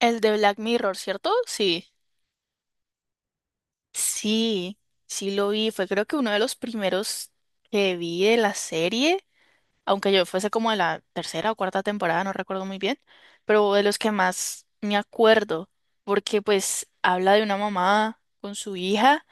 El de Black Mirror, ¿cierto? Sí. Sí, sí, lo vi. Fue creo que uno de los primeros que vi de la serie, aunque yo fuese como de la tercera o cuarta temporada, no recuerdo muy bien, pero de los que más me acuerdo, porque pues habla de una mamá con su hija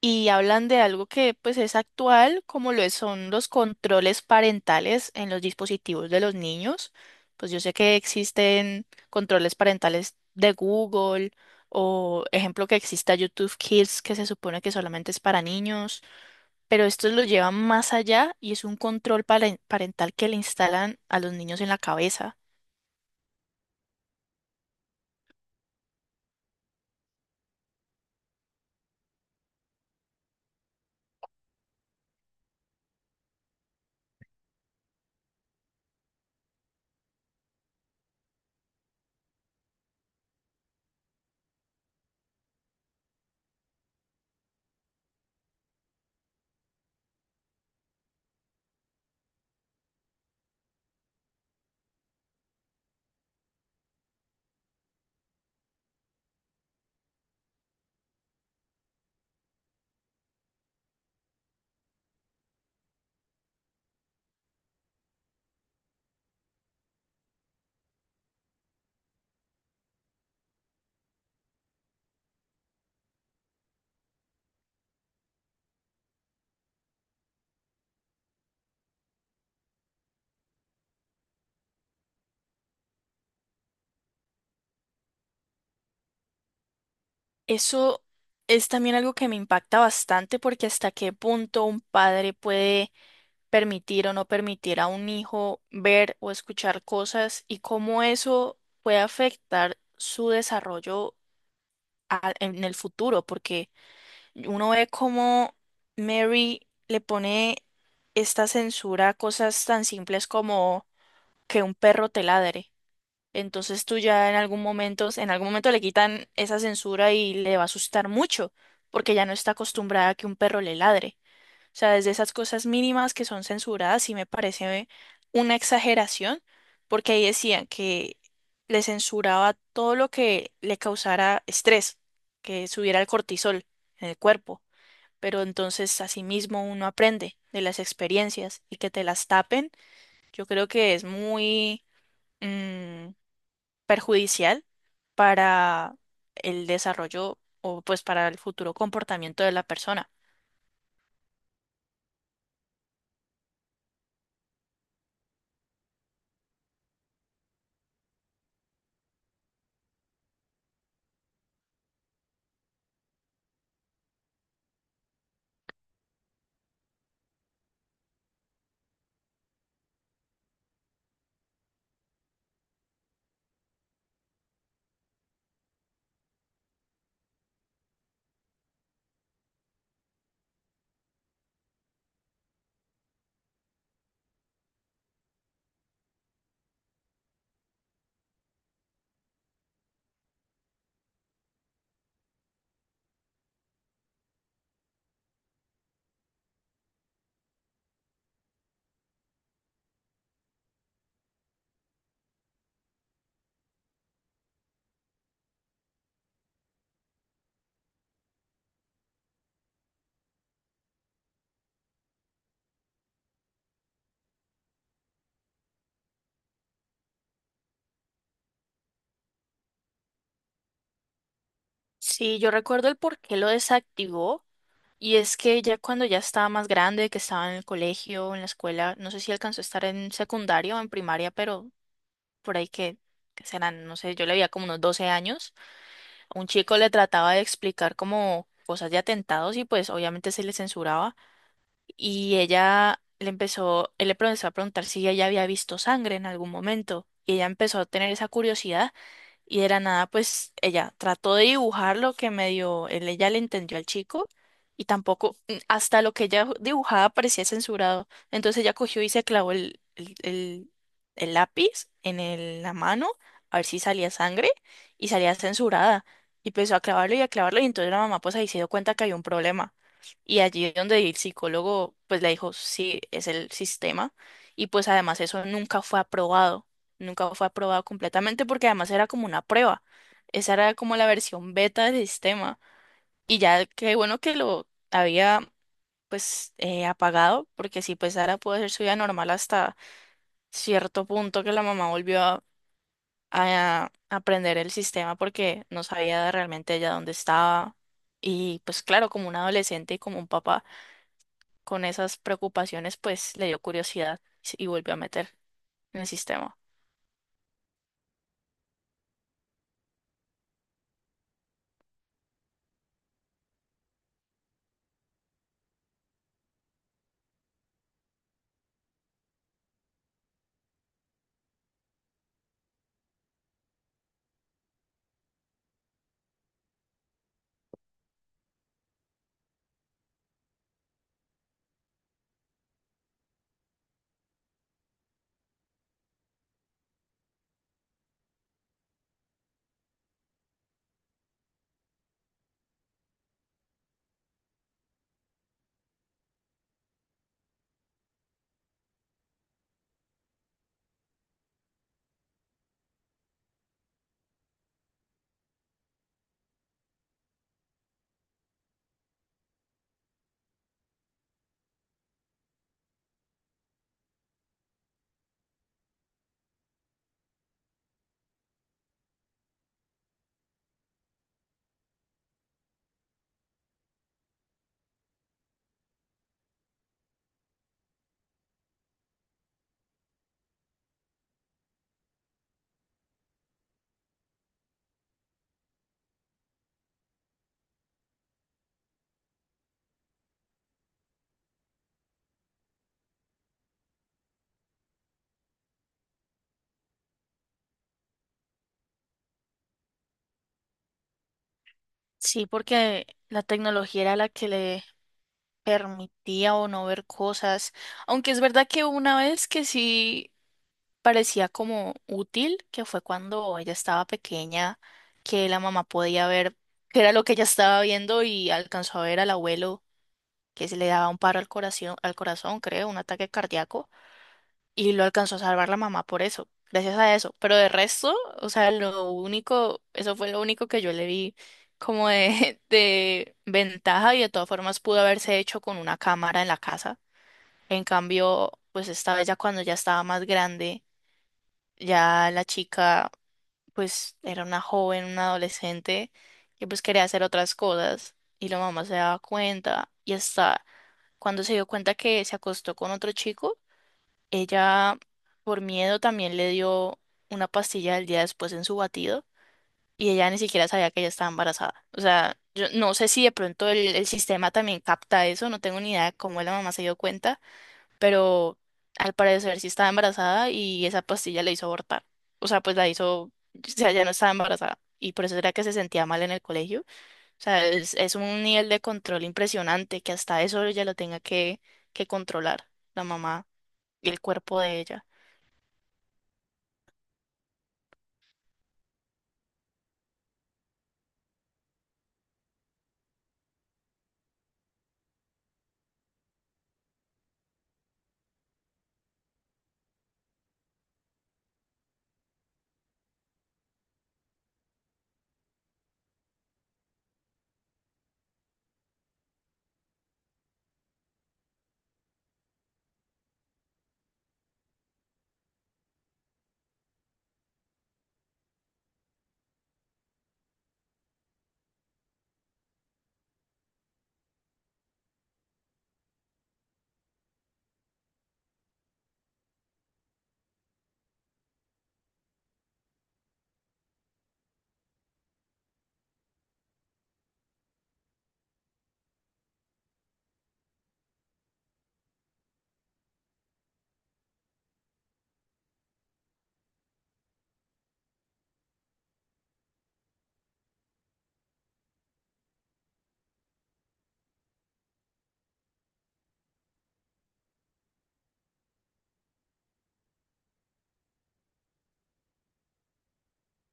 y hablan de algo que pues es actual, como son los controles parentales en los dispositivos de los niños. Pues yo sé que existen controles parentales de Google o ejemplo que exista YouTube Kids que se supone que solamente es para niños, pero estos lo llevan más allá y es un parental que le instalan a los niños en la cabeza. Eso es también algo que me impacta bastante porque hasta qué punto un padre puede permitir o no permitir a un hijo ver o escuchar cosas y cómo eso puede afectar su desarrollo en el futuro, porque uno ve cómo Mary le pone esta censura a cosas tan simples como que un perro te ladre. Entonces tú ya en algún momento le quitan esa censura y le va a asustar mucho, porque ya no está acostumbrada a que un perro le ladre. O sea, desde esas cosas mínimas que son censuradas, sí me parece una exageración, porque ahí decían que le censuraba todo lo que le causara estrés, que subiera el cortisol en el cuerpo. Pero entonces, asimismo, uno aprende de las experiencias y que te las tapen, yo creo que es muy mm, perjudicial para el desarrollo o pues para el futuro comportamiento de la persona. Sí, yo recuerdo el por qué lo desactivó. Y es que ya cuando ya estaba más grande, que estaba en el colegio, en la escuela, no sé si alcanzó a estar en secundario o en primaria, pero por ahí que serán, no sé, yo le veía como unos 12 años, un chico le trataba de explicar como cosas de atentados y pues obviamente se le censuraba y él le empezó a preguntar si ella ya había visto sangre en algún momento y ella empezó a tener esa curiosidad y de la nada, pues ella trató de dibujar lo que medio ella le entendió al chico y tampoco, hasta lo que ella dibujaba parecía censurado. Entonces ella cogió y se clavó el lápiz en la mano a ver si salía sangre y salía censurada. Y empezó a clavarlo y entonces la mamá pues ahí se dio cuenta que había un problema. Y allí es donde el psicólogo pues le dijo, sí, es el sistema. Y pues además eso nunca fue aprobado. Nunca fue aprobado completamente porque además era como una prueba. Esa era como la versión beta del sistema. Y ya qué bueno que lo había apagado, porque sí pues Sara pudo hacer su vida normal hasta cierto punto que la mamá volvió a aprender el sistema porque no sabía realmente ella dónde estaba. Y pues claro, como un adolescente y como un papá con esas preocupaciones, pues le dio curiosidad y volvió a meter en el sistema. Sí, porque la tecnología era la que le permitía o no ver cosas, aunque es verdad que una vez que sí parecía como útil, que fue cuando ella estaba pequeña, que la mamá podía ver qué era lo que ella estaba viendo y alcanzó a ver al abuelo que se le daba un paro al corazón, creo, un ataque cardíaco, y lo alcanzó a salvar la mamá por eso, gracias a eso. Pero de resto, o sea, lo único, eso fue lo único que yo le vi como de, de ventaja y de todas formas pudo haberse hecho con una cámara en la casa en cambio, pues esta vez ya cuando ya estaba más grande, ya la chica pues era una joven, una adolescente que pues quería hacer otras cosas y la mamá se daba cuenta y hasta cuando se dio cuenta que se acostó con otro chico, ella por miedo también le dio una pastilla el día después en su batido y ella ni siquiera sabía que ella estaba embarazada. O sea, yo no sé si de pronto el sistema también capta eso, no tengo ni idea de cómo la mamá se dio cuenta pero al parecer sí estaba embarazada y esa pastilla le hizo abortar. O sea, pues la hizo, o sea, ya no estaba embarazada. Y por eso era que se sentía mal en el colegio. O sea, es un nivel de control impresionante que hasta eso ella lo tenga que controlar, la mamá y el cuerpo de ella.